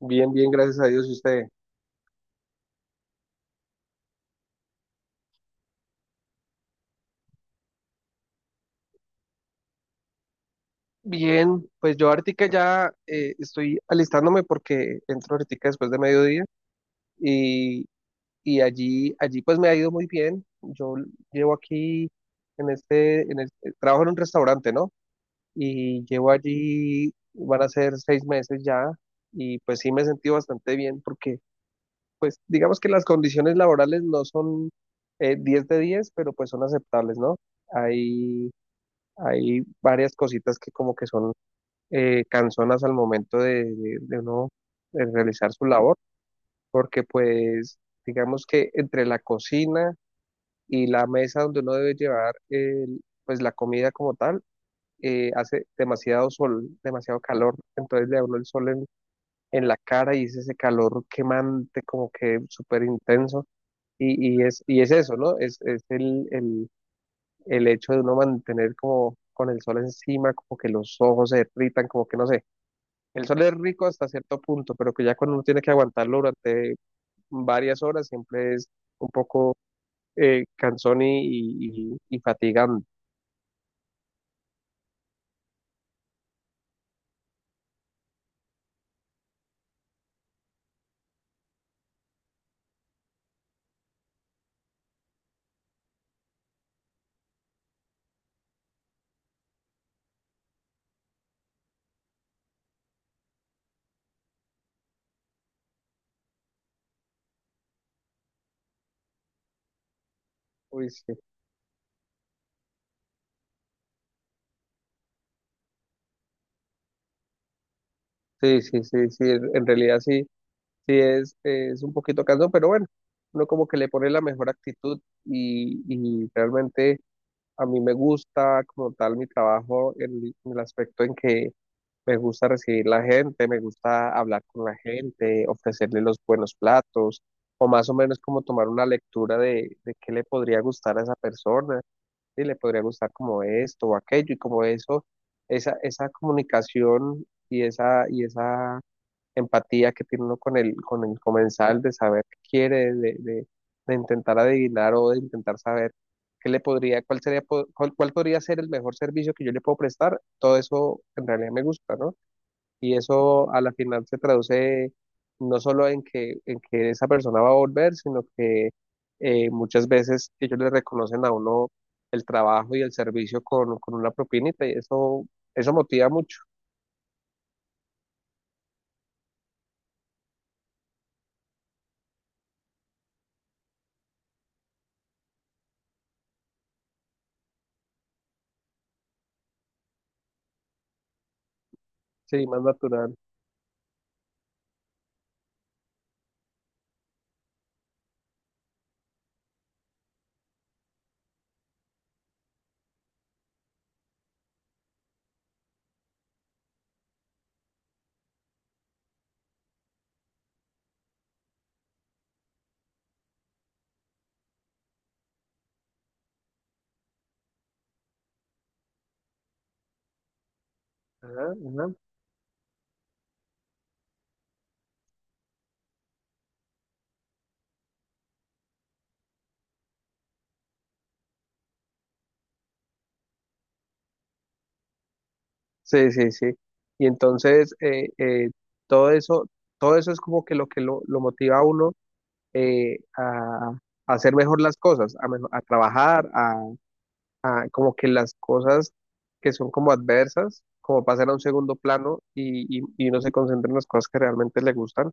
Bien, bien, gracias a Dios. ¿Y usted? Bien, pues yo ahorita ya estoy alistándome porque entro ahorita después de mediodía y, y allí pues me ha ido muy bien. Yo llevo aquí en este, en el, trabajo en un restaurante, ¿no? Y llevo allí, van a ser 6 meses ya y pues sí me he sentido bastante bien porque digamos que las condiciones laborales no son 10 de 10 pero pues son aceptables, ¿no? Hay, hay varias cositas que como que son cansonas al momento de uno realizar su labor, porque pues digamos que entre la cocina y la mesa donde uno debe llevar pues la comida como tal, hace demasiado sol, demasiado calor, entonces le da uno el sol en la cara y es ese calor quemante como que súper intenso y es eso, ¿no? Es el hecho de uno mantener como con el sol encima, como que los ojos se irritan, como que no sé. El sol es rico hasta cierto punto, pero que ya cuando uno tiene que aguantarlo durante varias horas, siempre es un poco cansón y fatigante. Uy, sí. Sí, sí, sí, sí, en realidad sí, sí es un poquito cansón, pero bueno, uno como que le pone la mejor actitud y, y realmente a mí me gusta como tal mi trabajo en el aspecto en que me gusta recibir la gente, me gusta hablar con la gente, ofrecerle los buenos platos, o más o menos como tomar una lectura de qué le podría gustar a esa persona, si le podría gustar como esto o aquello, y como eso, esa comunicación y esa empatía que tiene uno con el comensal de saber qué quiere, de intentar adivinar o de intentar saber qué le podría, cuál sería, cuál podría ser el mejor servicio que yo le puedo prestar, todo eso en realidad me gusta, ¿no? Y eso a la final se traduce no solo en que esa persona va a volver, sino que muchas veces ellos le reconocen a uno el trabajo y el servicio con una propinita y eso motiva mucho, sí, más natural. Ajá, ajá. Sí, sí, sí. Y entonces todo eso, todo eso es como que lo que lo motiva a uno eh, a, a hacer mejor las cosas, a trabajar, ah, como que las cosas que son como adversas, como pasan a un segundo plano y uno se concentra en las cosas que realmente le gustan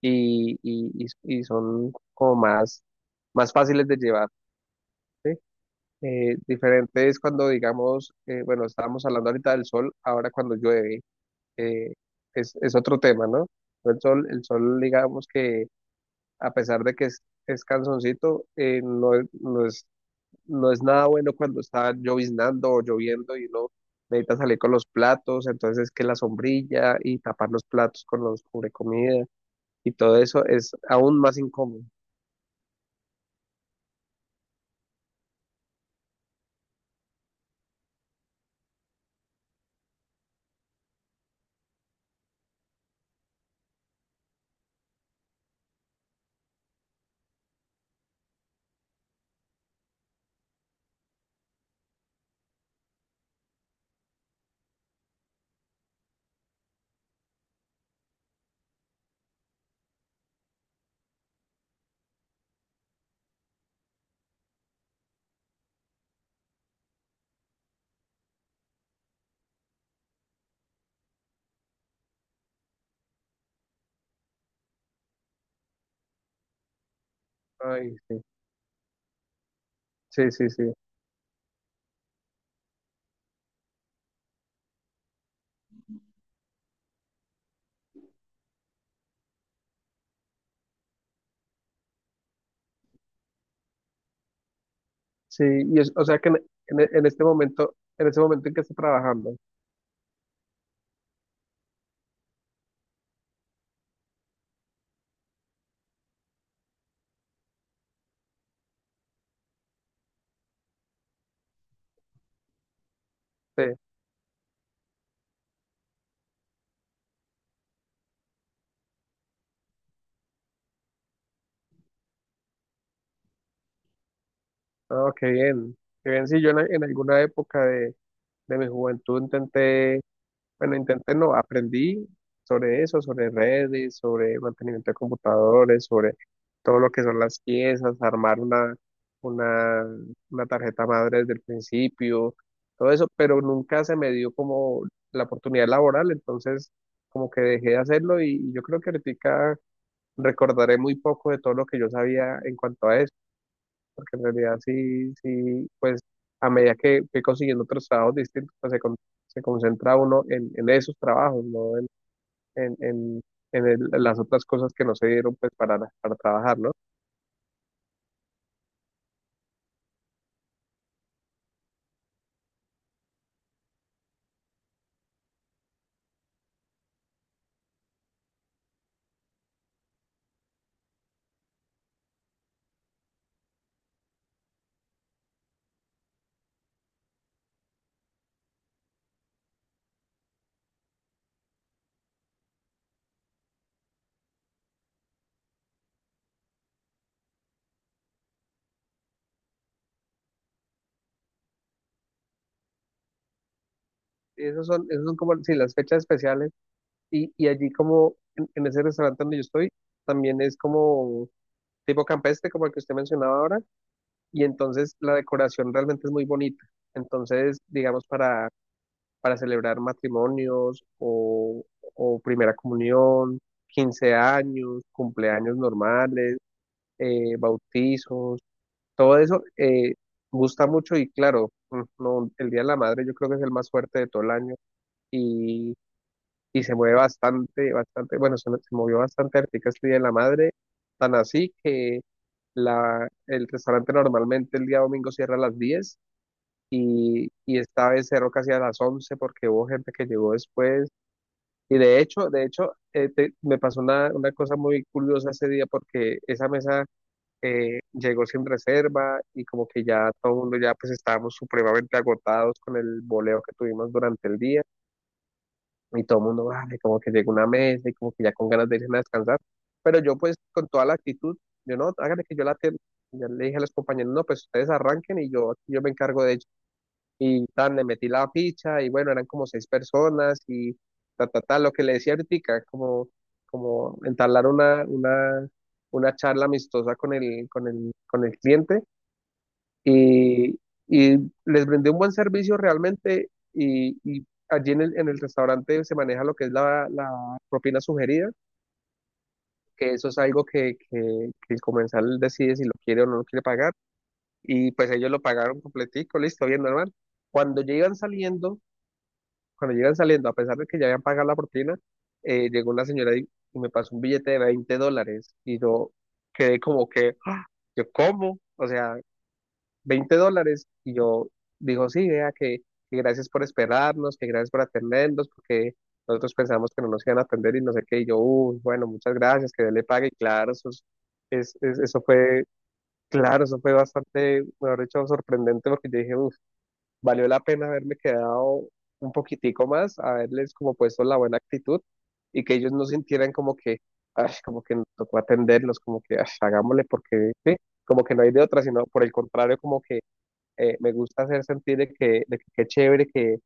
y son como más, fáciles de llevar. ¿Sí? Diferente es cuando, digamos, bueno, estábamos hablando ahorita del sol, ahora cuando llueve, eh, es otro tema, ¿no? El sol, digamos que a pesar de que es cansoncito, no, no es nada bueno cuando está lloviznando o lloviendo y uno necesita salir con los platos, entonces que la sombrilla y tapar los platos con los cubrecomida y todo eso es aún más incómodo. Ay, sí, sí, sí, sí. Sí, y o sea que en este momento en que está trabajando, sí. Ah, qué bien, qué bien. Sí, yo en alguna época de mi juventud intenté. Bueno, intenté, no, aprendí sobre eso, sobre redes, sobre mantenimiento de computadores, sobre todo lo que son las piezas, armar una, una tarjeta madre desde el principio, todo eso, pero nunca se me dio como la oportunidad laboral, entonces como que dejé de hacerlo y yo creo que ahorita recordaré muy poco de todo lo que yo sabía en cuanto a eso porque en realidad sí, sí, pues a medida que fui consiguiendo otros trabajos distintos, pues se concentra uno en esos trabajos, no en, en, en las otras cosas que no se dieron pues para trabajar, ¿no? Y esos son como, sí, las fechas especiales y allí como en ese restaurante donde yo estoy, también es como tipo campestre, como el que usted mencionaba ahora, y entonces la decoración realmente es muy bonita. Entonces, digamos, para celebrar matrimonios o primera comunión, 15 años, cumpleaños normales, bautizos, todo eso gusta mucho y claro, no, el Día de la Madre yo creo que es el más fuerte de todo el año y, y se mueve bastante, bastante, bueno, se movió bastante ahorita este Día de la Madre, tan así que el restaurante normalmente el día domingo cierra a las 10 y esta vez cerró casi a las 11 porque hubo gente que llegó después. Y de hecho, me pasó una cosa muy curiosa ese día porque esa mesa llegó sin reserva y como que ya todo el mundo ya pues estábamos supremamente agotados con el boleo que tuvimos durante el día y todo el mundo, vale, como que llegó una mesa y como que ya con ganas de irse a descansar. Pero yo pues con toda la actitud, yo no, háganle que yo la atiendo. Ya le dije a los compañeros, no, pues ustedes arranquen y yo, me encargo de ello. Y tan, le metí la ficha y bueno, eran como seis personas y ta, ta, ta, lo que le decía ahorita, como entablar una charla amistosa con el cliente y, y les brindé un buen servicio realmente y allí en el restaurante se maneja lo que es la propina sugerida, que eso es algo que el comensal decide si lo quiere o no lo quiere pagar y pues ellos lo pagaron completico, listo, bien normal. Cuando llegan saliendo, Cuando llegan saliendo, a pesar de que ya habían pagado la propina, llegó la señora y me pasó un billete de $20 y yo quedé como que, ¡ah! Yo, ¿cómo? O sea, $20 y yo dijo, sí, vea que gracias por esperarnos, que gracias por atendernos, porque nosotros pensamos que no nos iban a atender y no sé qué, y yo, uy, bueno, muchas gracias, que Dios le pague, y claro, eso, es- eso fue, claro, eso fue bastante, mejor dicho, sorprendente porque yo dije, uff, valió la pena haberme quedado un poquitico más, haberles como puesto la buena actitud y que ellos no sintieran como que, ay, como que nos tocó atenderlos, como que "Ay, hagámosle porque, sí, como que no hay de otra", sino por el contrario, como que me gusta hacer sentir de que, qué chévere que,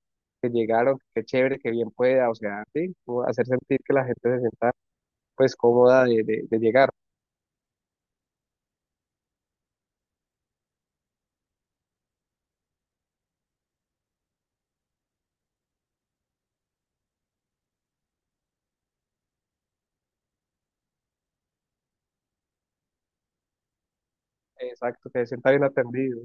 que llegaron, qué chévere, que bien pueda, o sea, sí, como hacer sentir que la gente se sienta pues cómoda de llegar. Exacto, que se sienta bien atendido,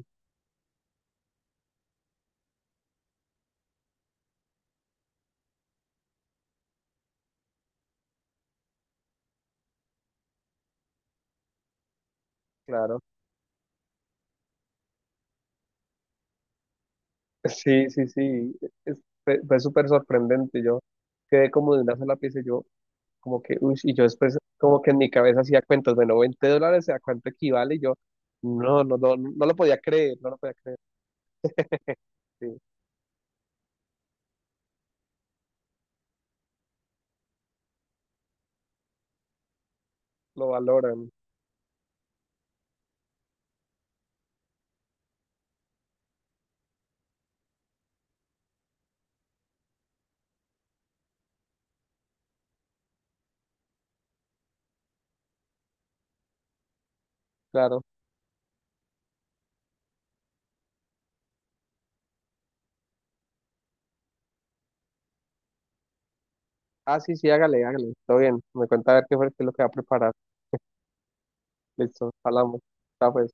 claro. Sí, sí, sí, es- fue súper sorprendente, yo quedé como de una sola pieza, y yo como que, uy, y yo después como que en mi cabeza hacía cuentas, bueno, $20, ¿a cuánto equivale? Y yo, no, no, no, no lo podía creer, no lo podía creer, sí, lo valoran, claro. Ah, sí, sí, hágale, hágale, todo bien, me cuenta a ver qué fue, qué es lo que va a preparar, listo, hablamos, está pues.